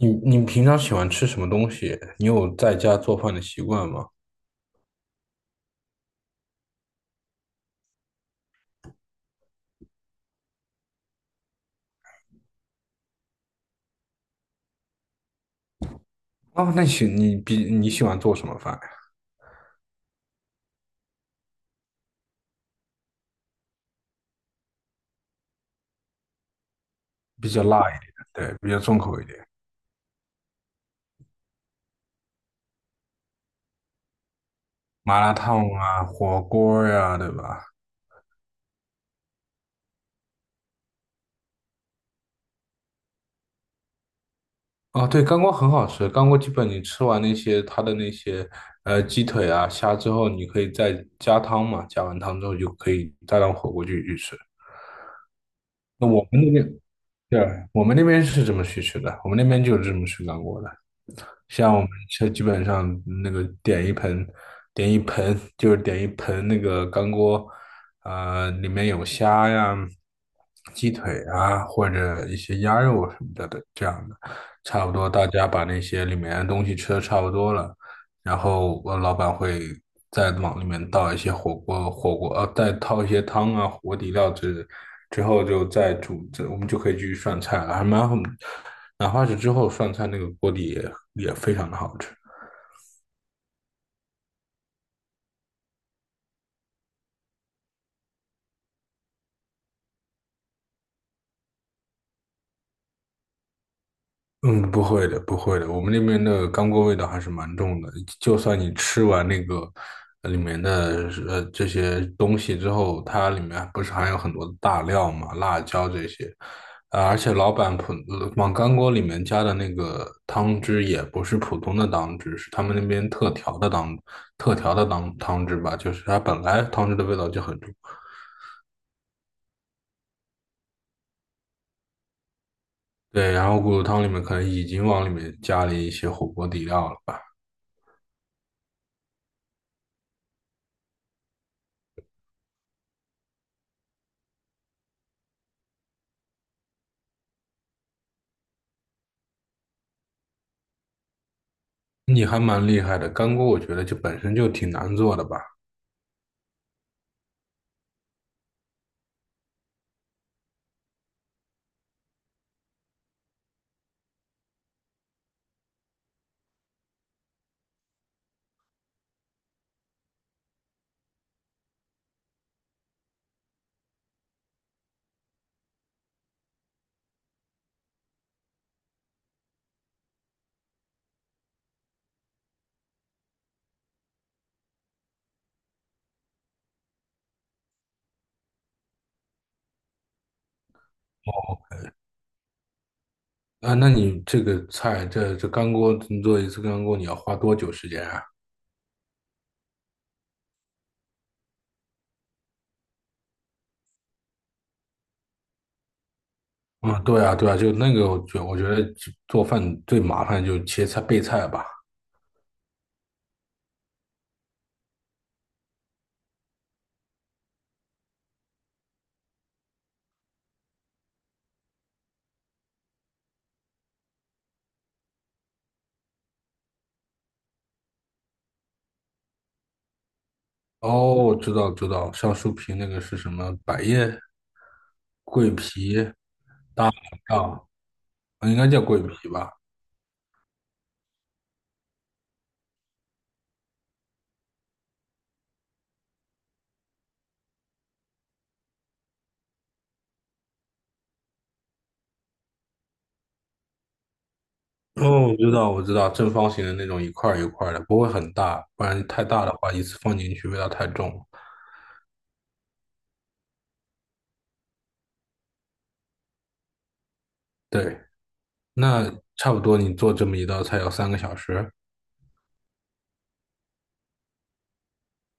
你你平常喜欢吃什么东西？你有在家做饭的习惯吗？哦，那你喜欢做什么饭呀？比较辣一点，对，比较重口一点。麻辣烫啊，火锅呀，对吧？哦，对，干锅很好吃。干锅基本你吃完那些它的那些鸡腿啊、虾之后，你可以再加汤嘛，加完汤之后就可以再当火锅去吃。那我们那边，对，我们那边是这么去吃的，我们那边就是这么吃干锅的。像我们这基本上那个点一盆，点一盆就是点一盆那个干锅。里面有虾呀、鸡腿啊，或者一些鸭肉什么的这样的。差不多大家把那些里面的东西吃的差不多了，然后我老板会再往里面倒一些火锅，再倒一些汤啊、火锅底料之后就再煮，这我们就可以继续涮菜了，还蛮好，哪怕是之后涮菜那个锅底也非常的好吃。嗯，不会的，不会的，我们那边的干锅味道还是蛮重的。就算你吃完那个里面的这些东西之后，它里面不是含有很多的大料嘛，辣椒这些。啊，而且老板往干锅里面加的那个汤汁也不是普通的汤汁，是他们那边特调的汤汁吧，就是它本来汤汁的味道就很重。对，然后骨头汤里面可能已经往里面加了一些火锅底料了吧？你还蛮厉害的，干锅我觉得就本身就挺难做的吧？啊，那你这个菜，这干锅，你做一次干锅你要花多久时间啊？啊，对啊，对啊，就那个我觉得做饭最麻烦就切菜备菜吧。哦，我知道知道，像树皮那个是什么？百叶、桂皮？啊，应该叫桂皮吧？哦，我知道，我知道，正方形的那种一块儿一块儿的，不会很大，不然太大的话，一次放进去味道太重了。对，那差不多你做这么一道菜要3个小时？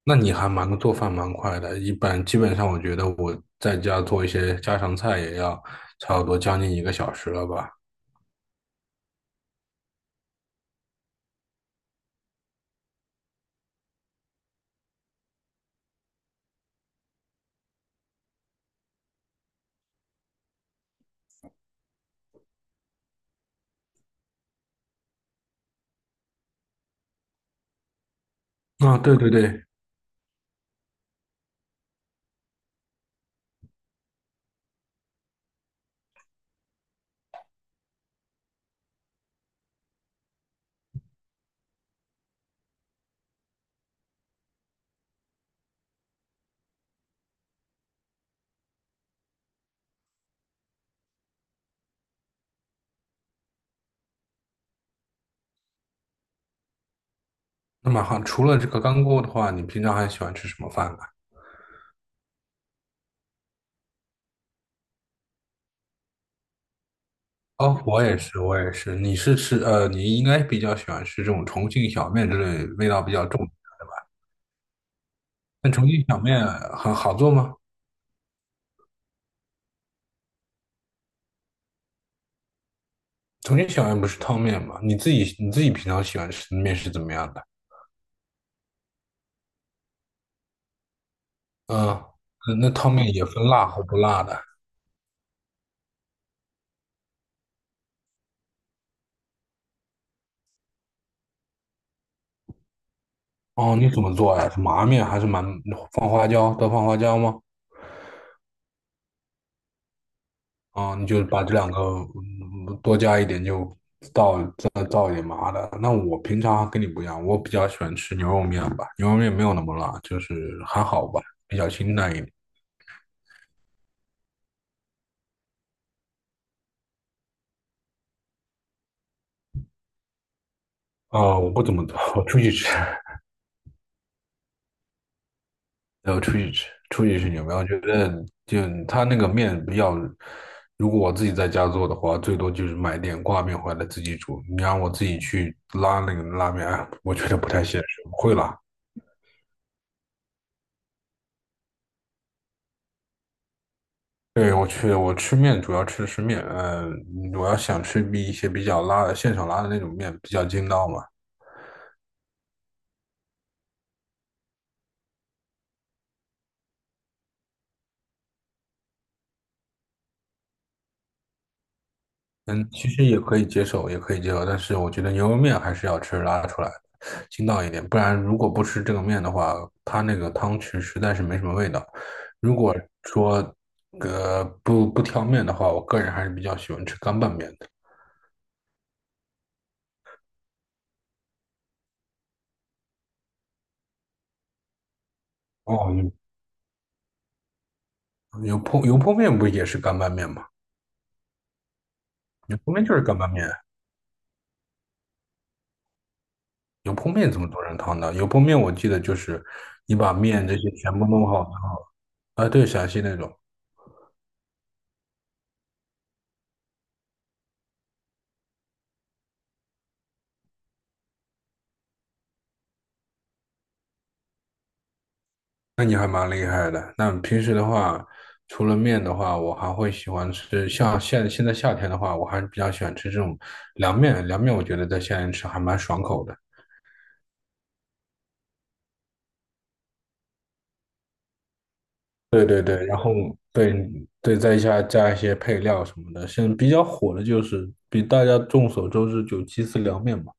那你还蛮做饭蛮快的。一般基本上，我觉得我在家做一些家常菜也要差不多将近1个小时了吧。啊、对对对，那么好，除了这个干锅的话，你平常还喜欢吃什么饭呢？哦，我也是，我也是。你是吃呃，你应该比较喜欢吃这种重庆小面之类味道比较重。那重庆小面很好做吗？重庆小面不是汤面吗？你自己平常喜欢吃的面是怎么样的？嗯，呃那汤面也分辣和不辣的。哦，你怎么做呀？是麻面还是蛮放花椒？多放花椒吗？啊、你就把这两个多加一点就倒，再倒一点麻的。那我平常跟你不一样，我比较喜欢吃牛肉面吧，牛肉面没有那么辣，就是还好吧，比较清淡一点。啊、我不怎么做，我出去吃。然后出去吃，出去吃牛排，我觉得就他那个面比较，如果我自己在家做的话，最多就是买点挂面回来自己煮。你让我自己去拉那个拉面，哎我觉得不太现实，不会拉。对，我去，我吃面主要吃的是面。呃，我要想吃一些比较拉的现场拉的那种面比较筋道嘛。嗯，其实也可以接受，也可以接受，但是我觉得牛肉面还是要吃拉出来的，筋道一点，不然如果不吃这个面的话，它那个汤汁实在是没什么味道。如果说不挑面的话，我个人还是比较喜欢吃干拌面的。哦，油泼面不也是干拌面吗？油泼面就是干拌面，油泼面怎么做成汤的？油泼面我记得就是你把面这些全部弄好，啊，对，陕西那种。那你还蛮厉害的。那平时的话，除了面的话，我还会喜欢吃，像现在夏天的话，我还是比较喜欢吃这种凉面。凉面我觉得在夏天吃还蛮爽口的。对对对，然后对对，再加一些配料什么的。现在比较火的就是比大家众所周知，就鸡丝凉面嘛。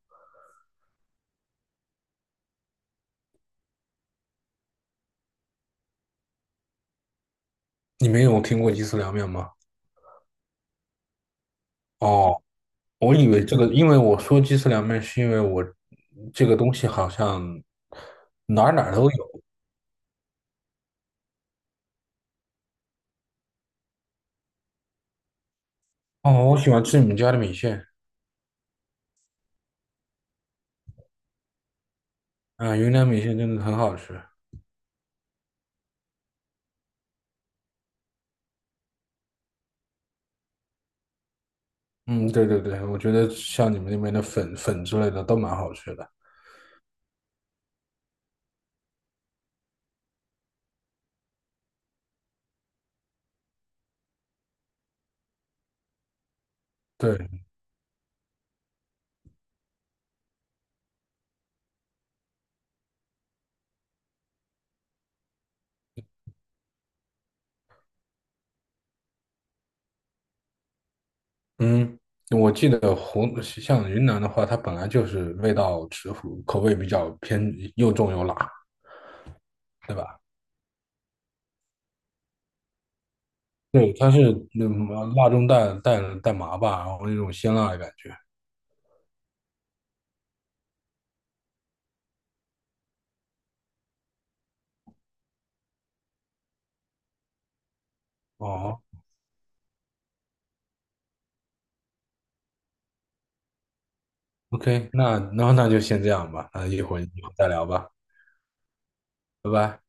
你没有听过鸡丝凉面吗？哦，我以为这个，因为我说鸡丝凉面，是因为我这个东西好像哪儿哪儿都有。哦，我喜欢吃你们家的米线。啊，云南米线真的很好吃。嗯，对对对，我觉得像你们那边的粉之类的都蛮好吃的。对，嗯，我记得像云南的话，它本来就是味道口味比较偏又重又辣，对吧？对，它是，辣中带麻吧，然后那种鲜辣的感觉。哦，OK，那就先这样吧，那一会儿再聊吧，拜拜。